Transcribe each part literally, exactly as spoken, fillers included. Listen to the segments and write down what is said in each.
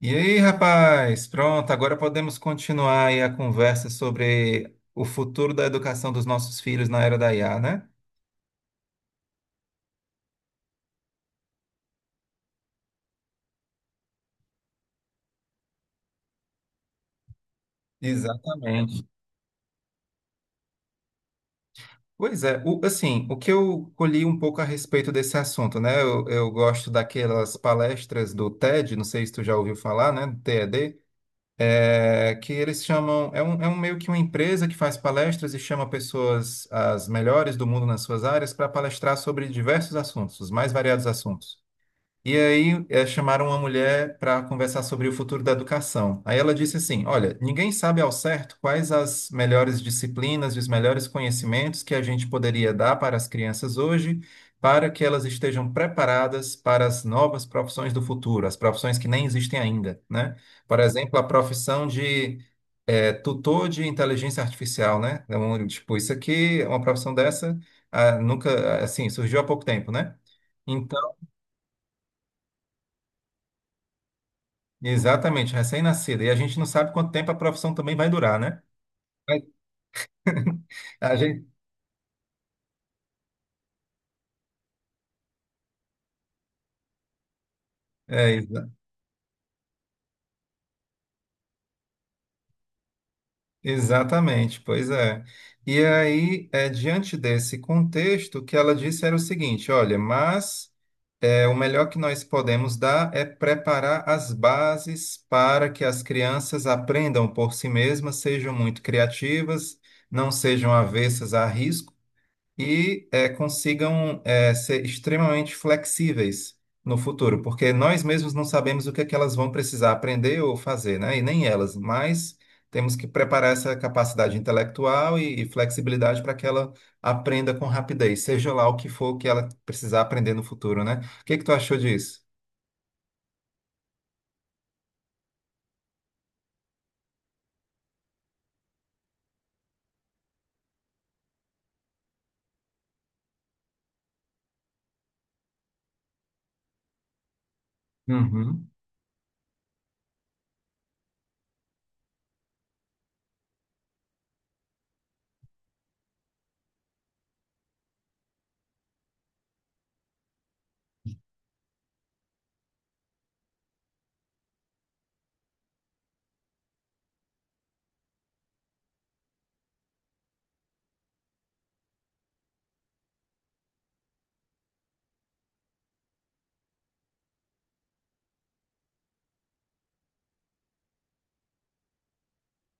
E aí, rapaz? Pronto, agora podemos continuar aí a conversa sobre o futuro da educação dos nossos filhos na era da I A, né? Exatamente. Pois é, o- assim, o que eu colhi um pouco a respeito desse assunto, né? Eu, eu gosto daquelas palestras do T E D, não sei se tu já ouviu falar, né? Do T E D, é, que eles chamam, é um, é um meio que uma empresa que faz palestras e chama pessoas as melhores do mundo nas suas áreas para palestrar sobre diversos assuntos, os mais variados assuntos. E aí eh, chamaram uma mulher para conversar sobre o futuro da educação. Aí ela disse assim: olha, ninguém sabe ao certo quais as melhores disciplinas e os melhores conhecimentos que a gente poderia dar para as crianças hoje, para que elas estejam preparadas para as novas profissões do futuro, as profissões que nem existem ainda, né? Por exemplo, a profissão de eh, tutor de inteligência artificial, né? Então, tipo, isso aqui, é uma profissão dessa, ah, nunca, assim, surgiu há pouco tempo, né? Então, exatamente, recém-nascida. E a gente não sabe quanto tempo a profissão também vai durar, né? Mas a gente, é, exa- exatamente, pois é. E aí, é, diante desse contexto, o que ela disse era o seguinte: olha, mas é, o melhor que nós podemos dar é preparar as bases para que as crianças aprendam por si mesmas, sejam muito criativas, não sejam avessas a riscos e eh, consigam eh, ser extremamente flexíveis no futuro, porque nós mesmos não sabemos o que é que elas vão precisar aprender ou fazer, né? E nem elas, mas temos que preparar essa capacidade intelectual e, e flexibilidade para que ela aprenda com rapidez, seja lá o que for que ela precisar aprender no futuro, né? O que é que tu achou disso? Uhum,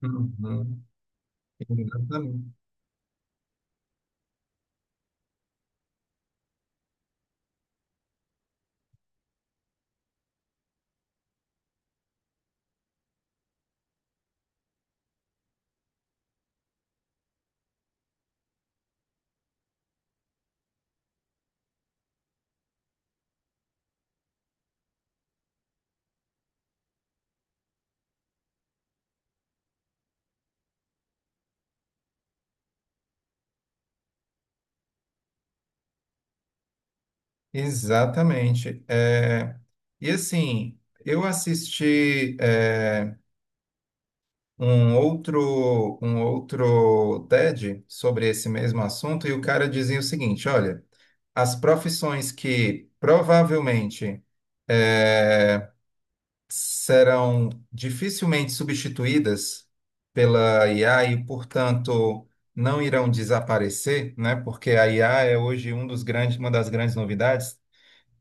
uhum. Exatamente. Exatamente. Eh, e assim, eu assisti. Eh, um outro, um outro T E D sobre esse mesmo assunto e o cara dizia o seguinte: olha, as profissões que provavelmente eh, serão dificilmente substituídas pela I A e, portanto, não irão desaparecer, né? Porque a I A é hoje um dos grandes, uma das grandes novidades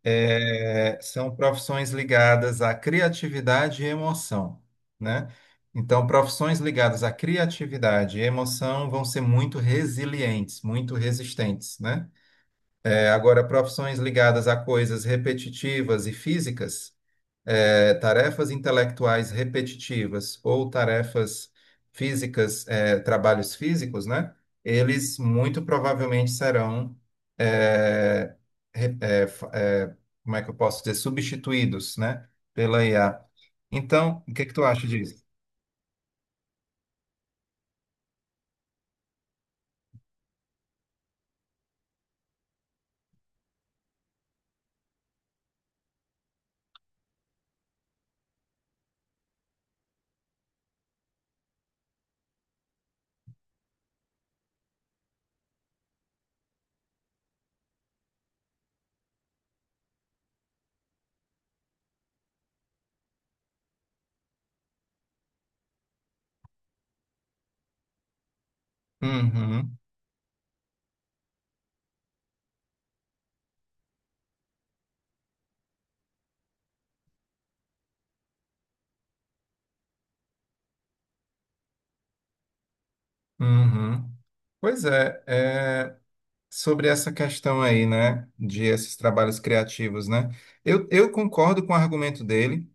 é, são profissões ligadas à criatividade e emoção, né? Então, profissões ligadas à criatividade e emoção vão ser muito resilientes, muito resistentes, né? É, agora, profissões ligadas a coisas repetitivas e físicas é, tarefas intelectuais repetitivas ou tarefas físicas, é, trabalhos físicos, né? Eles muito provavelmente serão, é, re- é, fa- é, como é que eu posso dizer, substituídos, né? Pela I A. Então, o que que tu acha disso? Uhum, uhum. Pois é, é, sobre essa questão aí, né, de esses trabalhos criativos, né? Eu, eu concordo com o argumento dele,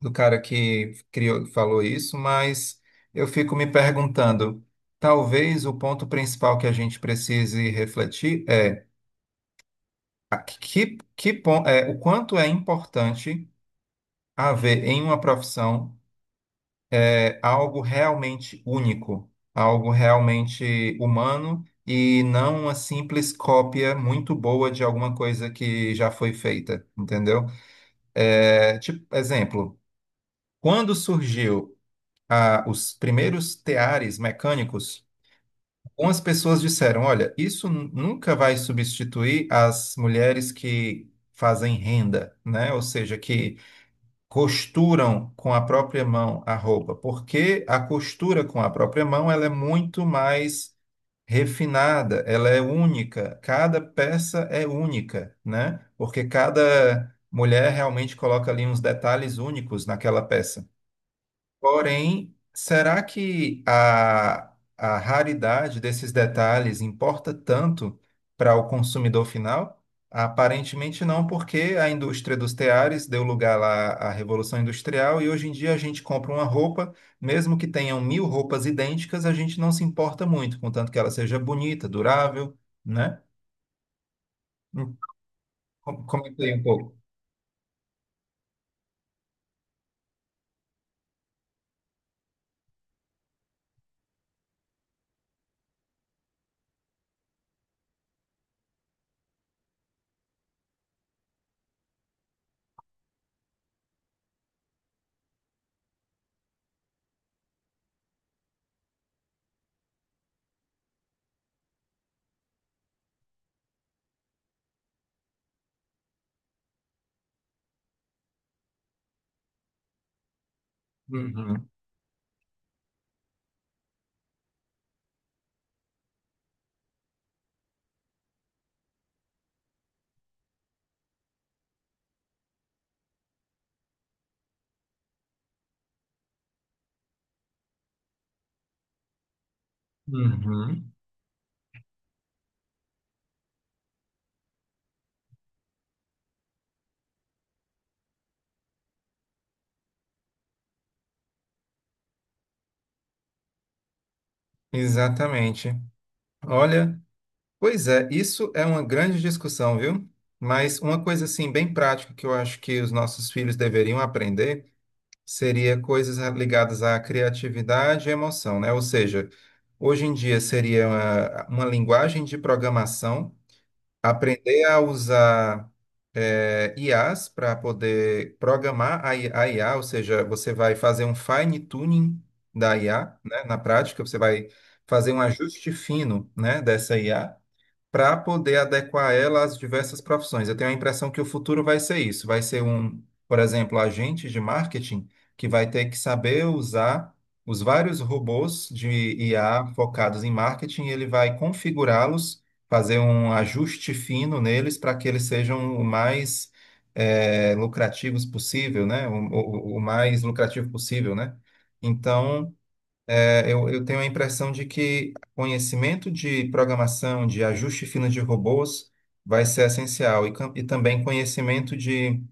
do cara que criou, falou isso, mas eu fico me perguntando, talvez o ponto principal que a gente precise refletir é a que, que pon- é, o quanto é importante haver em uma profissão é, algo realmente único, algo realmente humano e não uma simples cópia muito boa de alguma coisa que já foi feita, entendeu? É, tipo, exemplo, quando surgiu a- os primeiros teares mecânicos, algumas pessoas disseram: olha, isso nu- nunca vai substituir as mulheres que fazem renda, né? Ou seja, que costuram com a própria mão a roupa, porque a costura com a própria mão ela é muito mais refinada, ela é única, cada peça é única, né? Porque cada mulher realmente coloca ali uns detalhes únicos naquela peça. Porém, será que a, a raridade desses detalhes importa tanto para o consumidor final? Aparentemente não, porque a indústria dos teares deu lugar lá à Revolução Industrial e hoje em dia a gente compra uma roupa, mesmo que tenham mil roupas idênticas, a gente não se importa muito, contanto que ela seja bonita, durável, né? Hum, com- comentei um pouco. Uhum, uhum. Exatamente. Olha. Pois é, isso é uma grande discussão, viu? Mas uma coisa assim bem prática que eu acho que os nossos filhos deveriam aprender seria coisas ligadas à criatividade e emoção, né? Ou seja, hoje em dia seria uma, uma linguagem de programação, aprender a usar eh, I As para poder programar a I- a I A, ou seja, você vai fazer um fine tuning da I A, né? Na prática, você vai fazer um ajuste fino, né, dessa I A para poder adequar ela às diversas profissões. Eu tenho a impressão que o futuro vai ser isso, vai ser um, por exemplo, agente de marketing que vai ter que saber usar os vários robôs de I A focados em marketing, e ele vai configurá-los, fazer um ajuste fino neles para que eles sejam o mais eh, lucrativos possível, né? O, o, o mais lucrativo possível, né? Então, é, Eu, eu tenho a impressão de que conhecimento de programação, de ajuste fino de robôs, vai ser essencial. E, cam- e também conhecimento de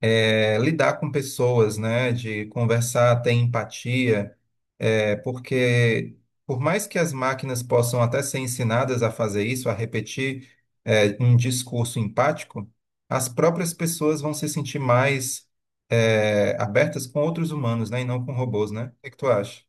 eh, lidar com pessoas, né? De conversar, ter empatia. Eh, porque, por mais que as máquinas possam até ser ensinadas a fazer isso, a repetir eh, um discurso empático, as próprias pessoas vão se sentir mais eh, abertas com outros humanos, né? E não com robôs, né? O que é que tu acha?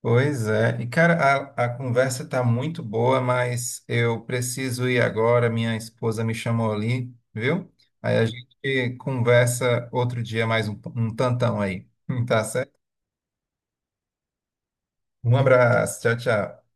Pois é. E, cara, a, a conversa tá muito boa, mas eu preciso ir agora. Minha esposa me chamou ali, viu? Aí a gente conversa outro dia mais um, um tantão aí. Tá certo? Um abraço. Tchau, tchau.